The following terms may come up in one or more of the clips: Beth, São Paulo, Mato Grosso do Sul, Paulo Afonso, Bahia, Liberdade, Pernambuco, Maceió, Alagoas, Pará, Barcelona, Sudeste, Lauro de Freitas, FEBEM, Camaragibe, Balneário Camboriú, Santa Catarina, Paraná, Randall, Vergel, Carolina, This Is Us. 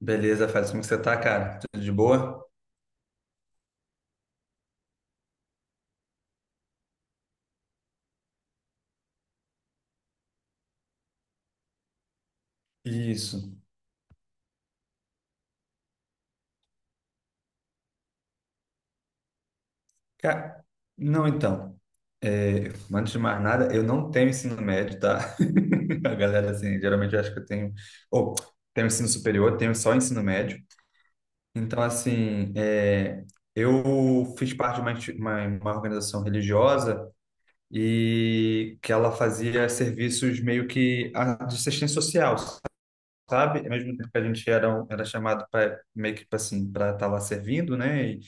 Beleza, faz como que você tá, cara? Tudo de boa? Isso. Cara, não, então. Antes de mais nada, eu não tenho ensino médio, tá? A galera, assim, geralmente acha que eu tenho. Ou, tenho ensino superior, tenho só ensino médio. Então, assim, eu fiz parte de uma organização religiosa e que ela fazia serviços meio que de assistência social, sabe? Ao mesmo tempo que a gente era, era chamado para meio que tipo assim, para estar lá servindo, né? E,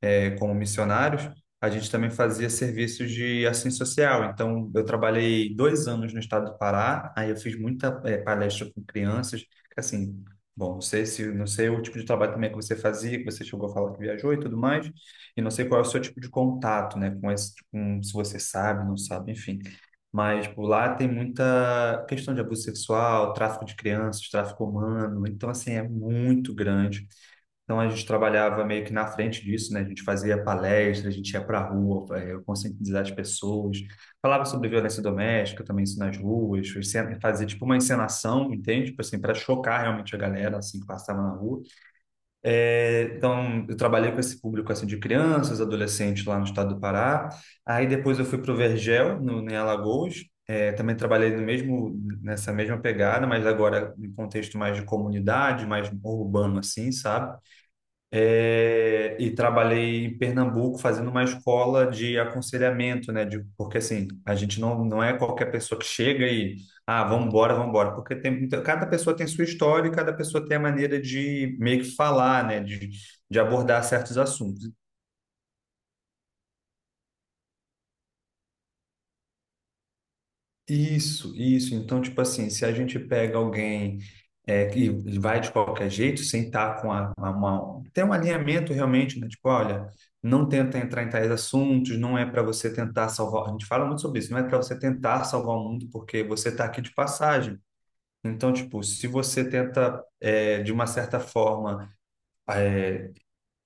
como missionários, a gente também fazia serviços de ação social. Então, eu trabalhei dois anos no estado do Pará, aí eu fiz muita palestra com crianças, assim, bom, não sei o tipo de trabalho também que você fazia, que você chegou a falar que viajou e tudo mais, e não sei qual é o seu tipo de contato, né, com com, se você sabe, não sabe, enfim. Mas por lá tem muita questão de abuso sexual, tráfico de crianças, tráfico humano. Então, assim, é muito grande. Então a gente trabalhava meio que na frente disso, né? A gente fazia palestra, a gente ia para a rua, conscientizar as pessoas, falava sobre violência doméstica, também isso nas ruas, fazia tipo uma encenação, entende? Tipo assim, para chocar realmente a galera assim que passava na rua. Então eu trabalhei com esse público assim de crianças, adolescentes lá no estado do Pará. Aí depois eu fui para o Vergel, no, em Alagoas. Também trabalhei no mesmo nessa mesma pegada, mas agora em contexto mais de comunidade, mais urbano assim, sabe? É, e trabalhei em Pernambuco fazendo uma escola de aconselhamento, né? Porque assim, a gente não é qualquer pessoa que chega e, ah, vamos embora, vamos embora. Porque tem, cada pessoa tem sua história e cada pessoa tem a maneira de meio que falar, né? De abordar certos assuntos. Isso, isso. Então, tipo assim, se a gente pega alguém que vai de qualquer jeito, sem estar com a mão, tem um alinhamento realmente, né? Tipo, olha, não tenta entrar em tais assuntos, não é para você tentar salvar. A gente fala muito sobre isso, não é para você tentar salvar o mundo porque você está aqui de passagem. Então, tipo, se você tenta, de uma certa forma,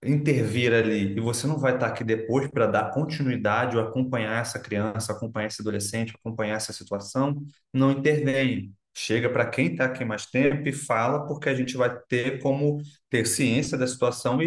intervir ali e você não vai estar aqui depois para dar continuidade ou acompanhar essa criança, acompanhar esse adolescente, acompanhar essa situação, não intervém. Chega para quem está aqui mais tempo e fala, porque a gente vai ter como ter ciência da situação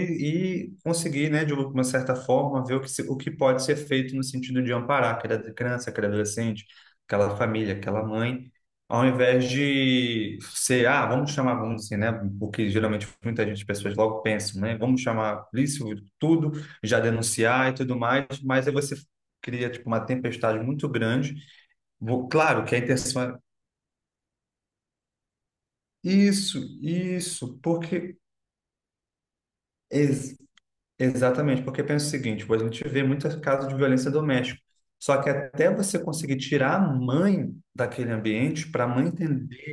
e conseguir, né, de uma certa forma, ver o que, o que pode ser feito no sentido de amparar aquela criança, aquele adolescente, aquela família, aquela mãe ao invés de ser, ah, vamos chamar, vamos assim, né? Porque geralmente muita gente, pessoas logo pensam, né? Vamos chamar a polícia, tudo, já denunciar e tudo mais, mas aí você cria, tipo, uma tempestade muito grande. Claro que a intenção é isso, isso, porque. ex- Exatamente, porque pensa o seguinte: pô, a gente vê muitos casos de violência doméstica, só que até você conseguir tirar a mãe daquele ambiente, para a mãe entender.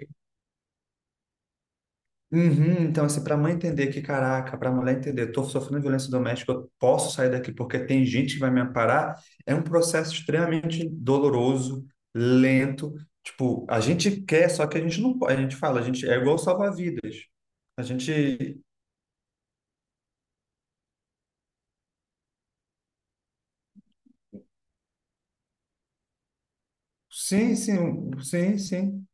Uhum, então, assim, para a mãe entender que, caraca, para a mulher entender, eu estou sofrendo violência doméstica, eu posso sair daqui porque tem gente que vai me amparar, é um processo extremamente doloroso, lento. Tipo, a gente quer, só que a gente não pode. A gente fala, a gente é igual salva-vidas. A gente. Sim, sim, um, sim, sim,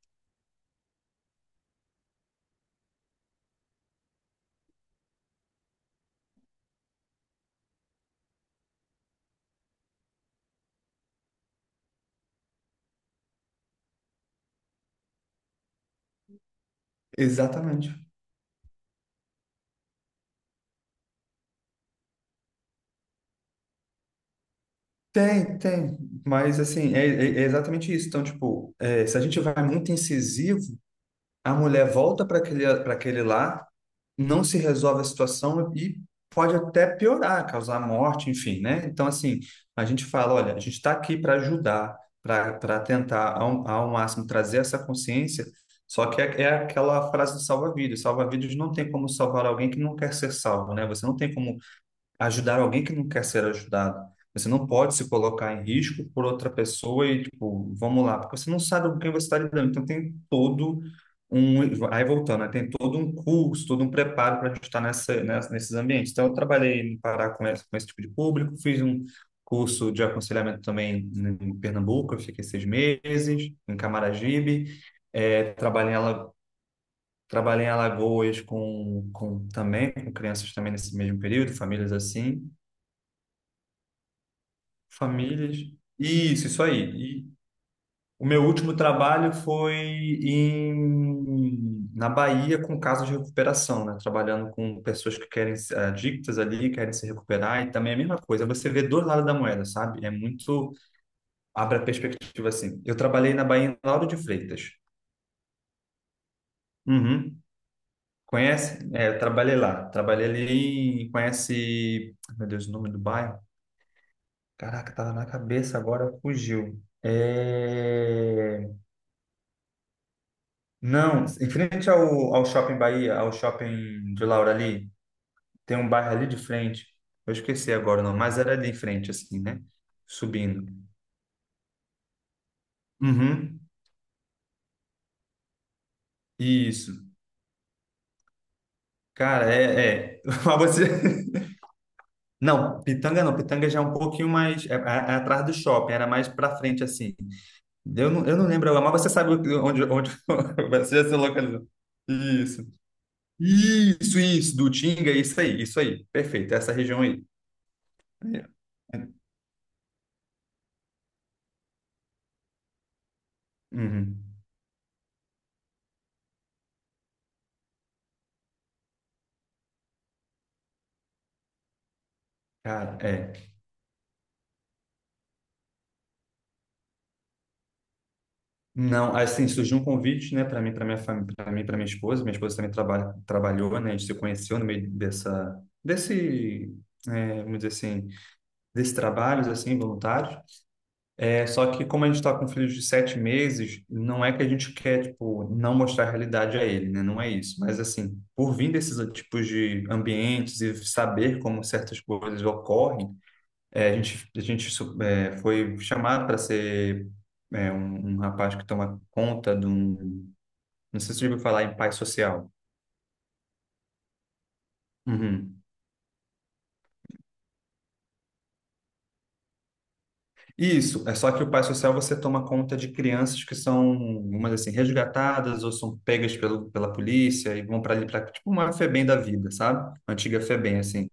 exatamente. Tem, tem, mas assim, é exatamente isso. Então, tipo, é, se a gente vai muito incisivo, a mulher volta para para aquele lar, não se resolve a situação e pode até piorar, causar morte, enfim, né? Então, assim, a gente fala, olha, a gente está aqui para ajudar, para tentar ao máximo trazer essa consciência, só que é aquela frase do salva-vidas, salva-vidas não tem como salvar alguém que não quer ser salvo, né? Você não tem como ajudar alguém que não quer ser ajudado. Você não pode se colocar em risco por outra pessoa e, tipo, vamos lá, porque você não sabe com quem você está lidando. Então, tem todo um. Aí, voltando, né? Tem todo um curso, todo um preparo para a gente estar nesses ambientes. Então, eu trabalhei no Pará com com esse tipo de público, fiz um curso de aconselhamento também em Pernambuco, eu fiquei seis meses, em Camaragibe. É, trabalhei em Alagoas com também com crianças também nesse mesmo período, famílias assim. Famílias. Isso aí. E o meu último trabalho foi na Bahia com casos de recuperação, né? Trabalhando com pessoas que querem se- adictas ali, querem se recuperar, e também é a mesma coisa. Você vê dois lados da moeda, sabe? É muito. Abre a perspectiva assim. Eu trabalhei na Bahia em Lauro de Freitas. Uhum. Conhece? É, eu trabalhei lá. Trabalhei ali em. Conhece. Meu Deus, o nome do bairro? Caraca, tava na cabeça agora, fugiu. É... Não, em frente ao Shopping Bahia, ao Shopping de Laura ali, tem um bairro ali de frente. Eu esqueci agora o nome, mas era ali em frente, assim, né? Subindo. Uhum, isso. Cara, é. Mas você... Não, Pitanga não. Pitanga já é um pouquinho mais... É atrás do shopping, era mais pra frente, assim. Eu não lembro agora, mas você sabe onde você já se localizou. Isso. Isso, isso. Do Tinga, isso aí, isso aí. Perfeito, essa região aí. É. Uhum. Cara, é. Não, assim, surgiu um convite, né, para mim, para minha família, para mim, para minha esposa. Minha esposa também trabalha, trabalhou, né, a gente se conheceu no meio vamos dizer assim, desses trabalhos, assim, voluntários. É, só que como a gente está com filhos de sete meses, não é que a gente quer, tipo, não mostrar a realidade a ele, né, não é isso. Mas, assim, por vir desses tipos de ambientes e saber como certas coisas ocorrem, é, a gente foi chamado para ser um rapaz que toma conta de um. Não sei se você já ouviu falar em pai social. Uhum. Isso, é só que o pai social você toma conta de crianças que são, umas assim, resgatadas ou são pegas pela polícia e vão para ali, para tipo uma FEBEM da vida, sabe? Uma antiga FEBEM, assim.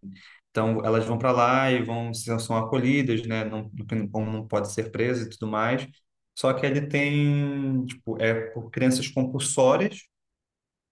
Então, elas vão para lá e vão, são acolhidas, né? Não, não pode ser presa e tudo mais. Só que ele tem, tipo, é por crianças compulsórias.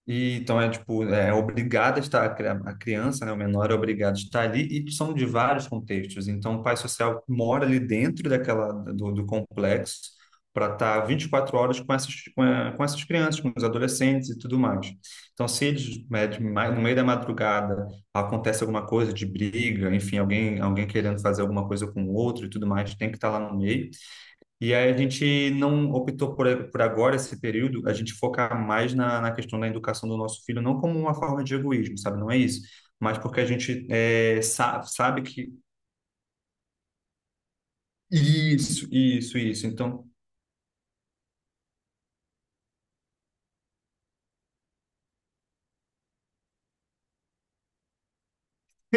E, então é tipo, é obrigada a estar, a criança, né, o menor é obrigado a estar ali, e são de vários contextos. Então, o pai social mora ali dentro do complexo para estar 24 horas com com essas crianças, com os adolescentes e tudo mais. Então, se eles, né, no meio da madrugada acontece alguma coisa de briga, enfim, alguém querendo fazer alguma coisa com o outro e tudo mais, tem que estar lá no meio. E aí a gente não optou por agora esse período, a gente focar mais na questão da educação do nosso filho, não como uma forma de egoísmo, sabe? Não é isso. Mas porque a gente sabe que isso, isso, isso. Então,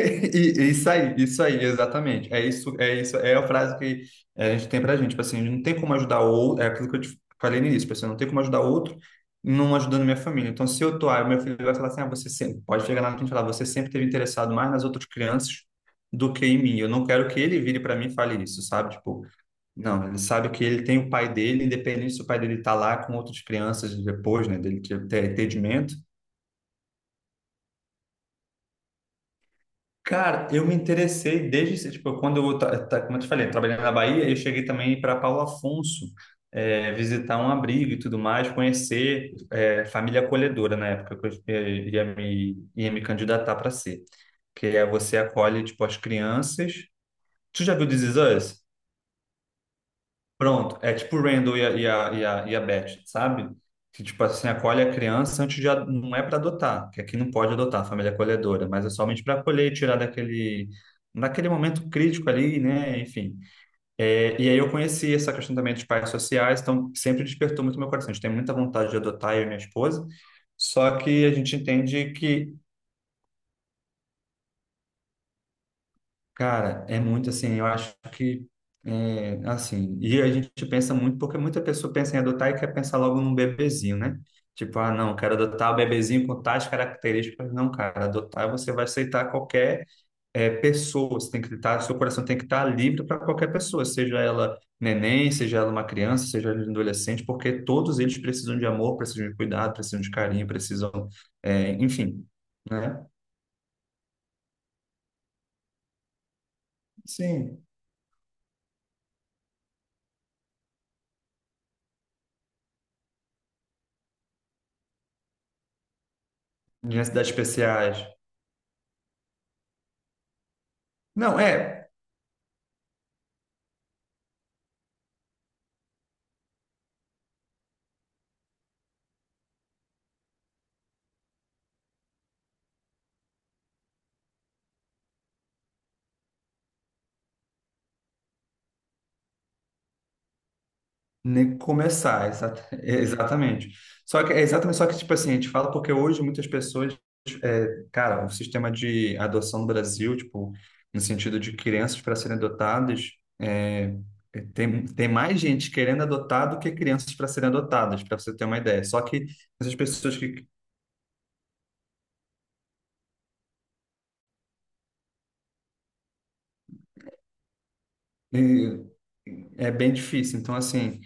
isso aí, isso aí, exatamente. É isso, é a frase que é, a gente tem pra gente, tipo assim, não tem como ajudar o outro, é aquilo que eu te falei no início, pessoal, não tem como ajudar o outro não ajudando minha família. Então, se eu tô, ah, meu filho vai falar assim, ah, você sempre, pode chegar lá na frente e falar, você sempre teve interessado mais nas outras crianças do que em mim. Eu não quero que ele vire para mim e fale isso, sabe? Tipo, não, ele sabe que ele tem o pai dele, independente se o pai dele tá lá com outras crianças depois, né, dele ter entendimento. Cara, eu me interessei desde, tipo, quando eu, como eu te falei, trabalhando na Bahia, eu cheguei também para Paulo Afonso, visitar um abrigo e tudo mais, conhecer, família acolhedora na época que eu ia me candidatar para ser. Que é você acolhe, tipo, as crianças. Tu já viu This Is Us? Pronto, é tipo o Randall e e a Beth, sabe? Que, tipo assim, acolhe a criança antes de... Não é para adotar, que aqui não pode adotar, a família é acolhedora, mas é somente para acolher e tirar daquele... Naquele momento crítico ali, né? Enfim. É, e aí eu conheci essa questão também dos pais sociais, então sempre despertou muito meu coração. A gente tem muita vontade de adotar, eu e minha esposa, só que a gente entende que cara, é muito assim, eu acho que assim, e a gente pensa muito, porque muita pessoa pensa em adotar e quer pensar logo num bebezinho, né? Tipo, ah, não, quero adotar o bebezinho com tais características. Não, cara, adotar você vai aceitar qualquer pessoa, você tem que estar, seu coração tem que estar livre para qualquer pessoa, seja ela neném, seja ela uma criança, seja ela um adolescente, porque todos eles precisam de amor, precisam de cuidado, precisam de carinho, precisam, enfim, né? Sim, de necessidades especiais. Não, é. Nem começar, é, exatamente. Só que, é exatamente, só que, tipo assim, a gente fala porque hoje muitas pessoas, cara, o sistema de adoção no Brasil, tipo, no sentido de crianças para serem adotadas, é, tem, tem mais gente querendo adotar do que crianças para serem adotadas, para você ter uma ideia. Só que essas pessoas que. É, é bem difícil. Então, assim.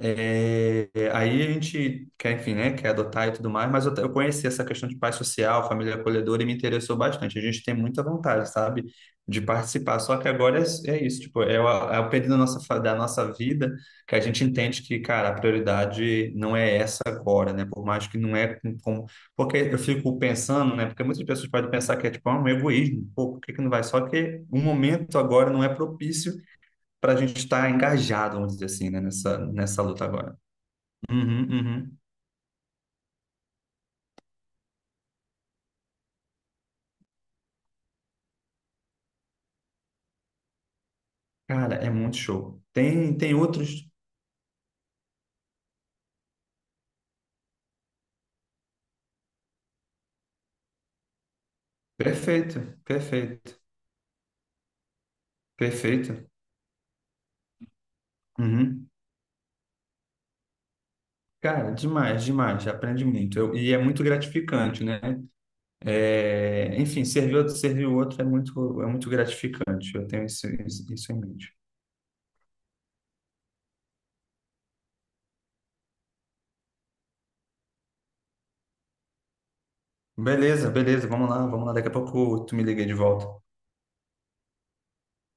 É, aí a gente quer, enfim, né, quer adotar e tudo mais, mas eu conheci essa questão de pai social, família acolhedora e me interessou bastante. A gente tem muita vontade, sabe, de participar. Só que agora é isso, tipo, é é o período da nossa, da nossa vida que a gente entende que, cara, a prioridade não é essa agora, né? Por mais que não é porque eu fico pensando, né? Porque muitas pessoas podem pensar que é tipo ah, um egoísmo, pô, por que que não vai? Só que o momento agora não é propício para a gente estar engajado, vamos dizer assim, né, nessa luta agora. Uhum, uhum. Cara, é muito show. Tem, tem outros. Perfeito, perfeito, perfeito. Uhum. Cara, demais, demais. Aprende muito. É muito gratificante, né? É, enfim, servir outro, servir o outro é muito gratificante. Eu tenho isso, isso, isso em mente. Beleza, beleza. Vamos lá, vamos lá. Daqui a pouco tu me liga de volta.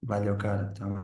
Valeu, cara. Tá